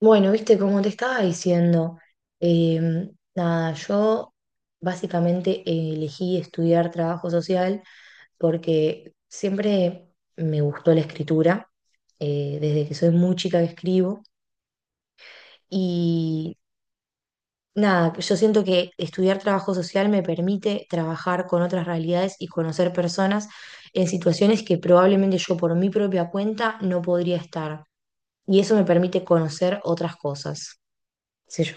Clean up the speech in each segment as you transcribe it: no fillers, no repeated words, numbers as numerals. Bueno, viste, como te estaba diciendo, nada, yo básicamente elegí estudiar trabajo social porque siempre me gustó la escritura, desde que soy muy chica que escribo, y nada, yo siento que estudiar trabajo social me permite trabajar con otras realidades y conocer personas en situaciones que probablemente yo por mi propia cuenta no podría estar, y eso me permite conocer otras cosas, qué sé yo.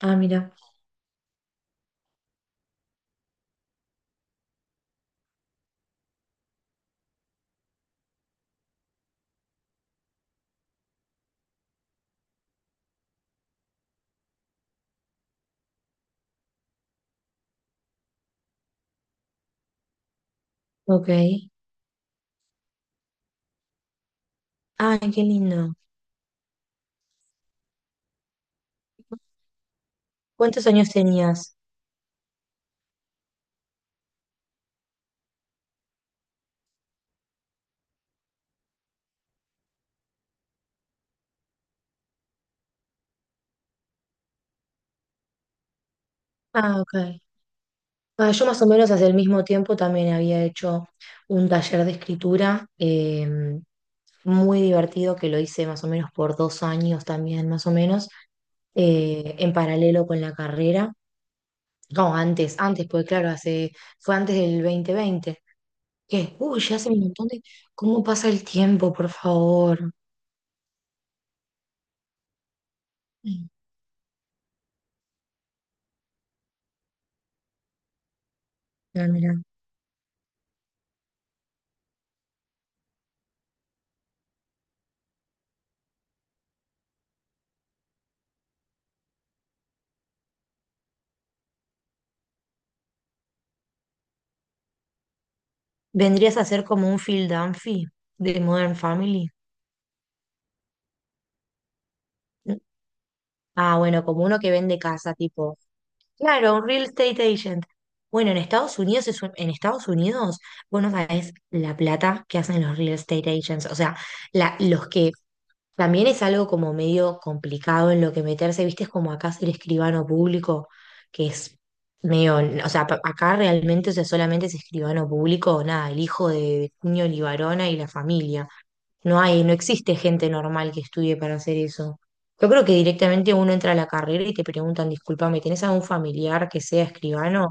Ah, mira. Ok. Ay, qué lindo. ¿Cuántos años tenías? Ah, ok. Ah, yo más o menos hace el mismo tiempo también había hecho un taller de escritura muy divertido que lo hice más o menos por dos años también, más o menos, en paralelo con la carrera. No, antes, porque claro, hace, fue antes del 2020. ¿Qué? Uy, ya hace un montón de... ¿Cómo pasa el tiempo, por favor? Mm. Ah, mirá. Vendrías a ser como un Phil Dunphy de Modern Family. Ah, bueno, como uno que vende casa, tipo. Claro, un real estate agent. Bueno, en Estados Unidos en Estados Unidos, vos no sabés la plata que hacen los real estate agents. O sea, los que también es algo como medio complicado en lo que meterse, viste, es como acá ser escribano público, que es medio, o sea, acá realmente, o sea, solamente es escribano público, nada, el hijo de Cuño Libarona y la familia. No existe gente normal que estudie para hacer eso. Yo creo que directamente uno entra a la carrera y te preguntan, discúlpame, ¿tenés algún familiar que sea escribano?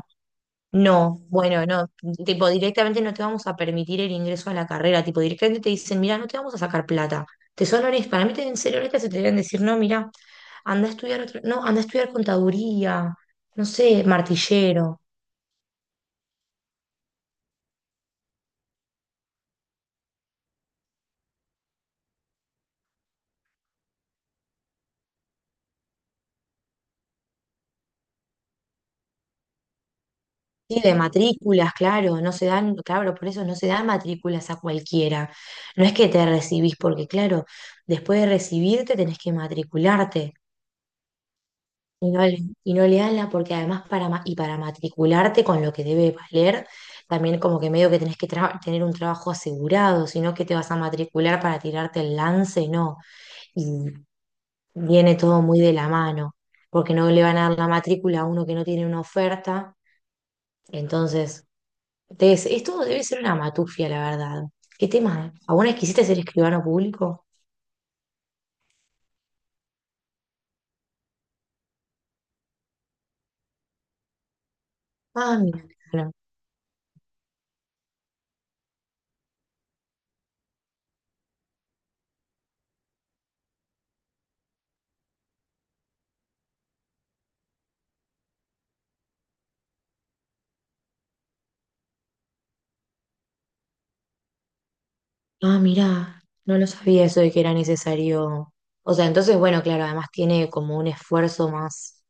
No, bueno, no, tipo, directamente no te vamos a permitir el ingreso a la carrera, tipo, directamente te dicen, mira, no te vamos a sacar plata. Te son honestas, para mí te deben ser honestas y te deben decir, no, mira, anda a estudiar otro, no, anda a estudiar contaduría, no sé, martillero. Sí, de matrículas, claro, no se dan, claro, por eso no se dan matrículas a cualquiera. No es que te recibís, porque claro, después de recibirte tenés que matricularte y no, y no le dan la, porque además para, y para matricularte con lo que debe valer, también como que medio que tener un trabajo asegurado, sino que te vas a matricular para tirarte el lance, no. Y viene todo muy de la mano, porque no le van a dar la matrícula a uno que no tiene una oferta, entonces... Debe esto debe ser una matufia, la verdad. ¿Qué tema? ¿Alguna vez quisiste ser escribano público? Ah, mira, claro. Ah, mira, no lo sabía eso de que era necesario. O sea, entonces, bueno, claro, además tiene como un esfuerzo más.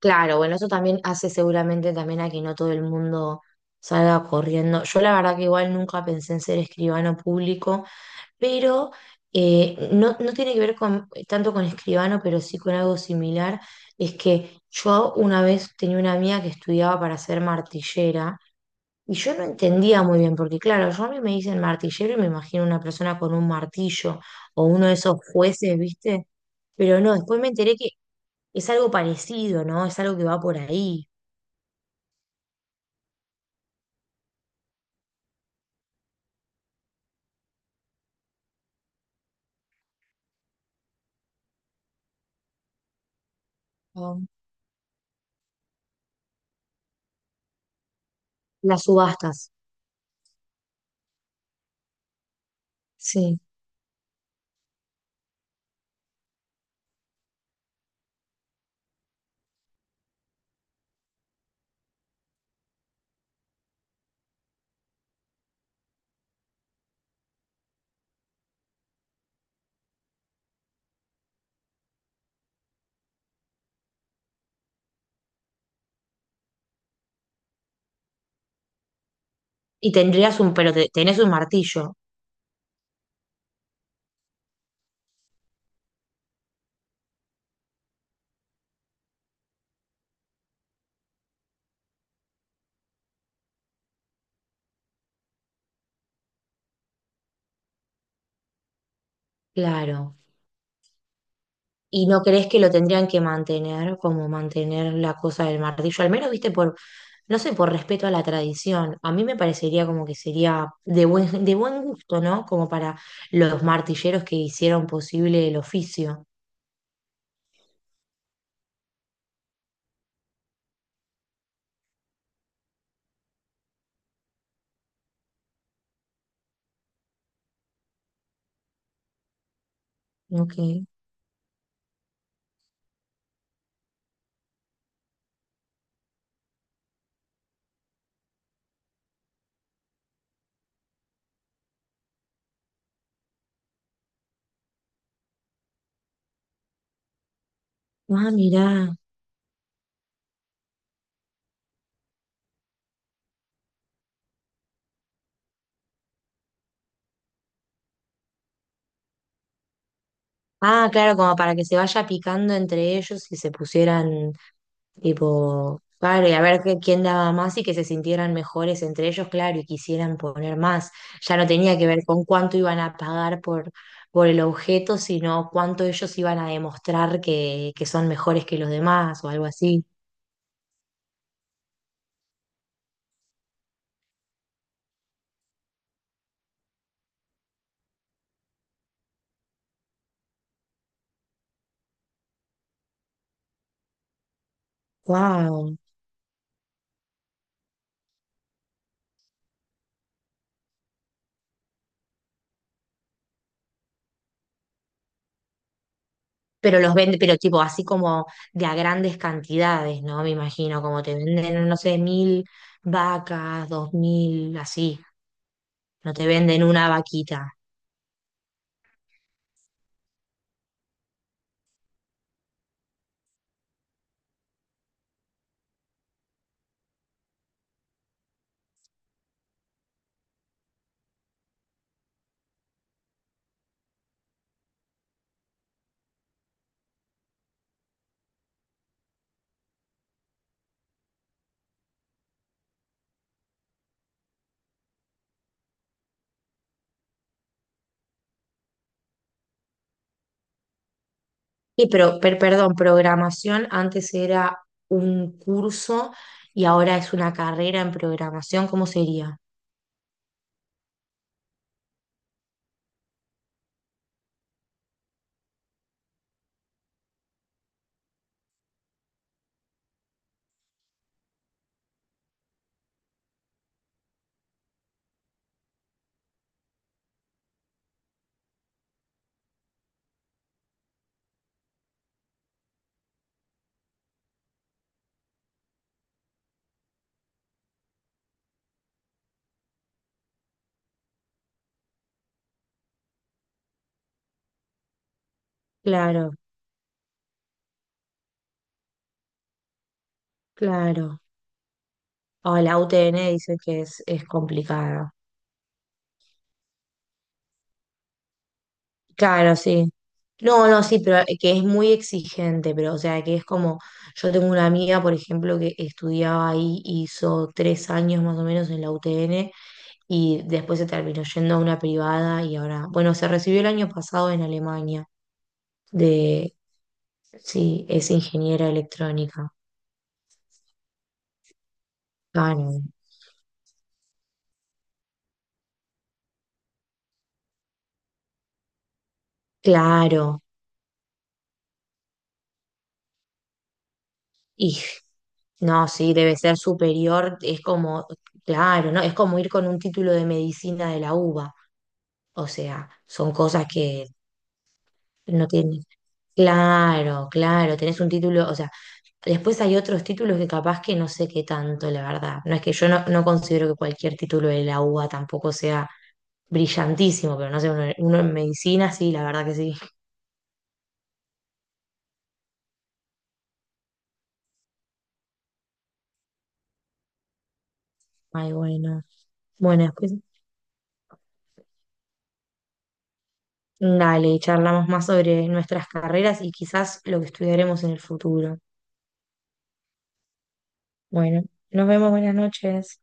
Claro, bueno, eso también hace seguramente también a que no todo el mundo salga corriendo. Yo la verdad que igual nunca pensé en ser escribano público, pero no, no tiene que ver con, tanto con escribano, pero sí con algo similar. Es que yo una vez tenía una amiga que estudiaba para ser martillera y yo no entendía muy bien, porque claro, yo a mí me dicen martillero y me imagino una persona con un martillo o uno de esos jueces, ¿viste? Pero no, después me enteré que es algo parecido, ¿no? Es algo que va por ahí. Oh, las subastas, sí. Y tendrías un, pero tenés un martillo, claro. ¿Y no crees que lo tendrían que mantener, como mantener la cosa del martillo? Al menos, viste, por, no sé, por respeto a la tradición. A mí me parecería como que sería de buen gusto, ¿no? Como para los martilleros que hicieron posible el oficio. Ok. Ah, mirá. Ah, claro, como para que se vaya picando entre ellos y se pusieran. Tipo, claro, y a ver quién daba más y que se sintieran mejores entre ellos, claro, y quisieran poner más. Ya no tenía que ver con cuánto iban a pagar por el objeto, sino cuánto ellos iban a demostrar que son mejores que los demás o algo así. Wow. Pero los venden, pero tipo así como de a grandes cantidades, ¿no? Me imagino, como te venden, no sé, mil vacas, dos mil, así. No te venden una vaquita. Y pero, perdón, programación antes era un curso y ahora es una carrera en programación, ¿cómo sería? Claro, claro. O la UTN dice que es complicada. Claro, sí. No, no, sí, pero que es muy exigente, pero o sea, que es como, yo tengo una amiga, por ejemplo, que estudiaba ahí, hizo 3 años más o menos en la UTN y después se terminó yendo a una privada y ahora, bueno, se recibió el año pasado en Alemania de, sí, es ingeniera electrónica. Claro, claro. Y no, sí, debe ser superior, es como, claro, ¿no? Es como ir con un título de medicina de la UBA. O sea, son cosas que no tienen... Claro, claro, tenés un título, o sea, después hay otros títulos que capaz que no sé qué tanto, la verdad. No es que yo no, no considero que cualquier título de la UBA tampoco sea brillantísimo, pero no sé, uno, uno en medicina sí, la verdad que sí. Ay, bueno. Bueno, después dale, charlamos más sobre nuestras carreras y quizás lo que estudiaremos en el futuro. Bueno, nos vemos, buenas noches.